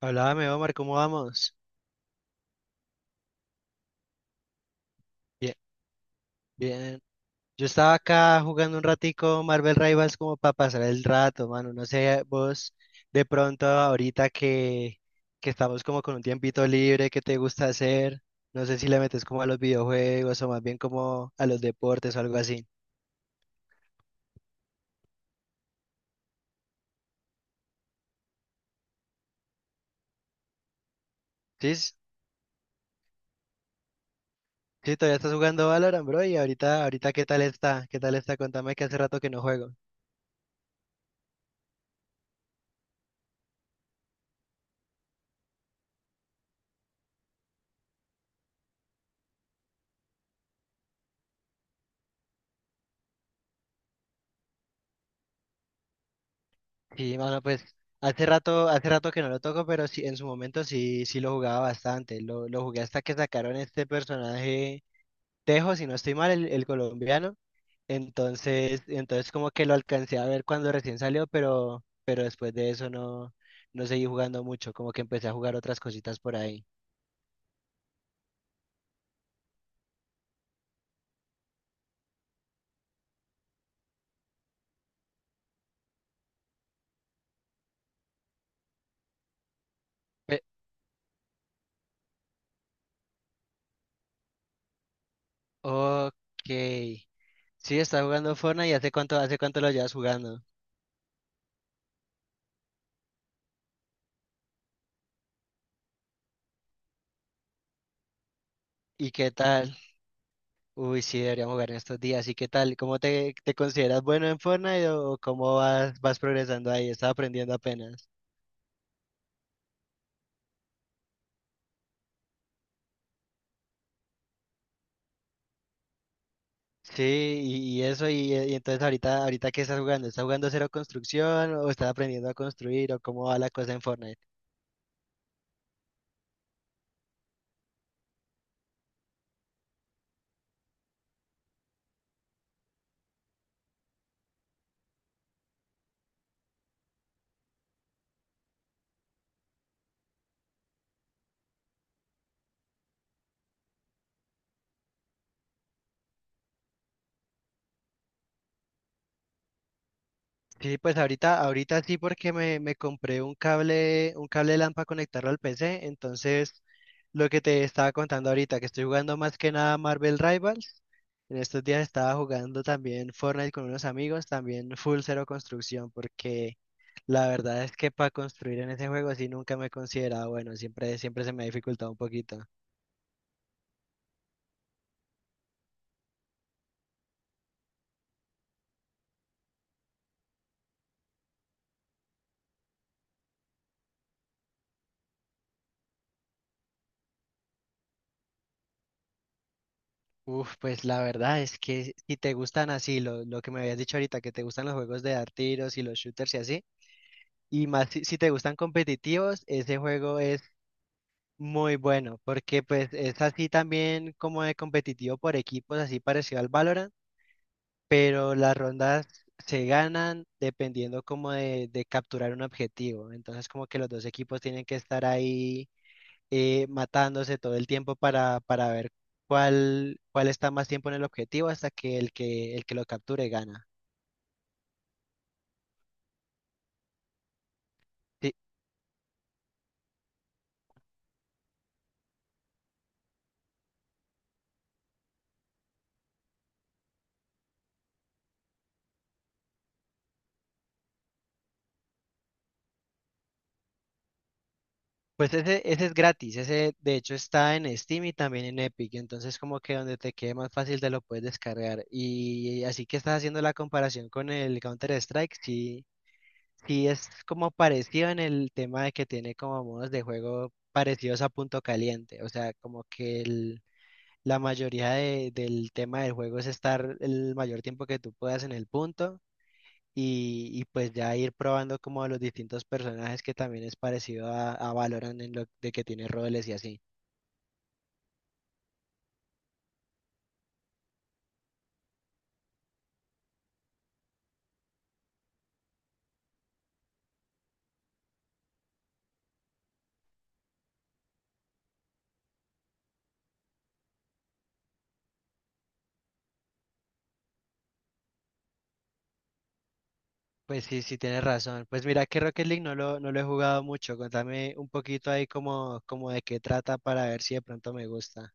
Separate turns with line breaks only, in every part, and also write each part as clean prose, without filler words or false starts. Háblame, Omar, ¿cómo vamos? Bien, bien. Yo estaba acá jugando un ratico Marvel Rivals como para pasar el rato, mano. No sé, vos de pronto ahorita que estamos como con un tiempito libre, ¿qué te gusta hacer? No sé si le metes como a los videojuegos o más bien como a los deportes o algo así. Sí, sí, todavía estás jugando Valorant, bro, y ahorita ¿qué tal está? ¿Qué tal está? Contame que hace rato que no juego. Sí, mano, pues hace rato que no lo toco, pero sí, en su momento sí, sí lo jugaba bastante. Lo jugué hasta que sacaron este personaje Tejo, si no estoy mal, el colombiano. Entonces como que lo alcancé a ver cuando recién salió, pero después de eso no, no seguí jugando mucho, como que empecé a jugar otras cositas por ahí. Pe- ok. Sí, está jugando Fortnite y hace cuánto lo llevas jugando. ¿Y qué tal? Uy, sí, deberíamos jugar en estos días. ¿Y qué tal? ¿Cómo te consideras bueno en Fortnite o cómo vas progresando ahí? Estás aprendiendo apenas. Sí, y eso, y entonces ahorita ¿qué estás jugando? ¿Estás jugando cero construcción o estás aprendiendo a construir o cómo va la cosa en Fortnite? Sí, pues ahorita sí porque me compré un cable LAN para conectarlo al PC, entonces lo que te estaba contando ahorita, que estoy jugando más que nada Marvel Rivals, en estos días estaba jugando también Fortnite con unos amigos, también Full Zero Construcción, porque la verdad es que para construir en ese juego sí nunca me he considerado bueno, siempre, siempre se me ha dificultado un poquito. Uf, pues la verdad es que si te gustan así, lo que me habías dicho ahorita, que te gustan los juegos de dar tiros y los shooters y así. Y más si, si te gustan competitivos, ese juego es muy bueno, porque pues es así también como de competitivo por equipos, así parecido al Valorant, pero las rondas se ganan dependiendo como de capturar un objetivo. Entonces como que los dos equipos tienen que estar ahí, matándose todo el tiempo para ver cuál está más tiempo en el objetivo hasta que el que lo capture gana. Sí, pues ese es gratis, ese de hecho está en Steam y también en Epic, entonces como que donde te quede más fácil te lo puedes descargar. Y así que estás haciendo la comparación con el Counter-Strike, sí, sí es como parecido en el tema de que tiene como modos de juego parecidos a Punto Caliente, o sea, como que la mayoría del tema del juego es estar el mayor tiempo que tú puedas en el punto y pues ya ir probando como los distintos personajes que también es parecido a Valorant en lo de que tiene roles y así. Pues sí, sí tienes razón. Pues mira que Rocket League no lo, no lo he jugado mucho. Contame un poquito ahí como de qué trata para ver si de pronto me gusta.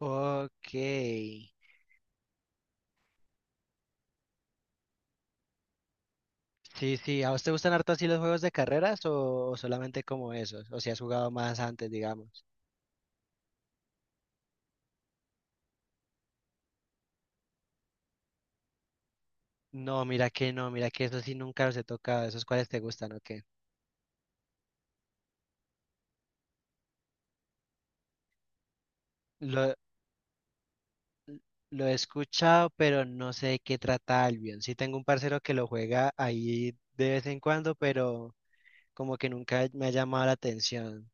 Ok. Sí, sí. ¿A vos te gustan harto así los juegos de carreras o solamente como esos? O si has jugado más antes, digamos. No, mira que no, mira que eso sí nunca los he tocado. ¿Esos cuáles te gustan o qué? Lo he escuchado, pero no sé de qué trata Albion. Sí tengo un parcero que lo juega ahí de vez en cuando, pero como que nunca me ha llamado la atención.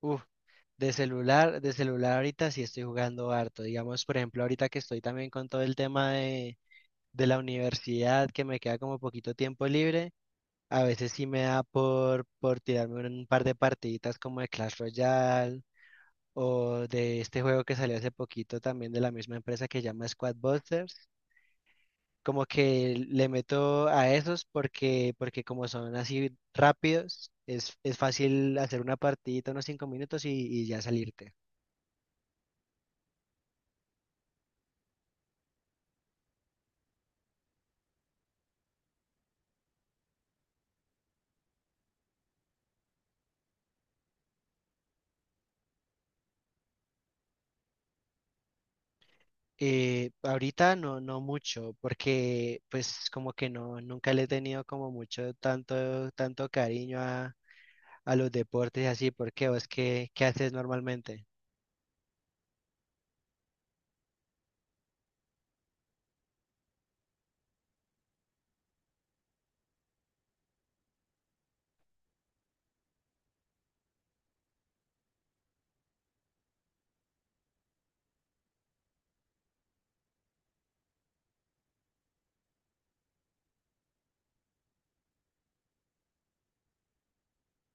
Uf, de celular ahorita sí estoy jugando harto. Digamos, por ejemplo, ahorita que estoy también con todo el tema de la universidad, que me queda como poquito tiempo libre, a veces sí me da por tirarme un par de partiditas como de Clash Royale o de este juego que salió hace poquito también de la misma empresa que se llama Squad Busters como que le meto a esos porque, como son así rápidos, es fácil hacer una partidita unos 5 minutos y ya salirte. Ahorita no, no mucho, porque pues como que no, nunca le he tenido como mucho tanto, cariño a los deportes y así, porque vos qué haces normalmente.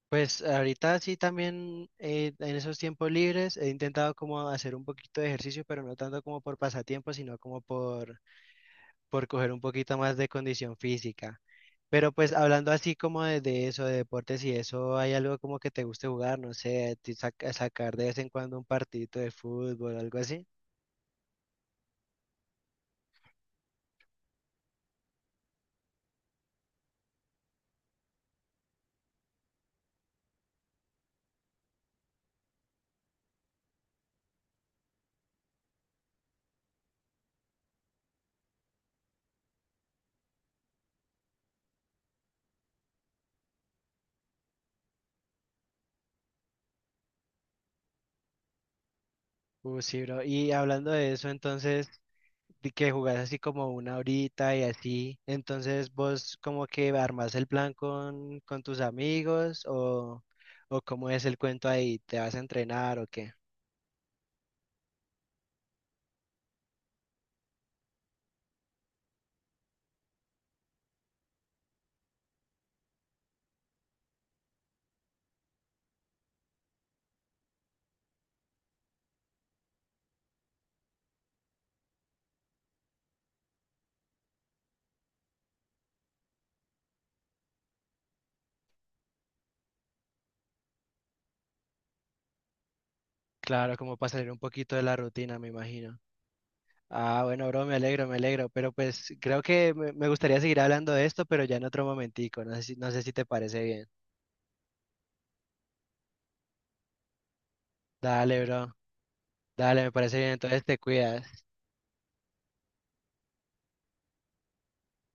Pues ahorita sí también en esos tiempos libres he intentado como hacer un poquito de ejercicio, pero no tanto como por pasatiempo, sino como por coger un poquito más de condición física. Pero pues hablando así como de eso, de deportes y eso, ¿hay algo como que te guste jugar? No sé, sacar de vez en cuando un partidito de fútbol, algo así. Sí, bro. Y hablando de eso, entonces, de que jugás así como una horita y así, entonces vos como que armás el plan con, tus amigos o cómo es el cuento ahí, ¿te vas a entrenar o qué? Claro, como para salir un poquito de la rutina, me imagino. Ah, bueno, bro, me alegro, pero pues creo que me gustaría seguir hablando de esto, pero ya en otro momentico, no sé si te parece bien. Dale, bro, dale, me parece bien, entonces te cuidas.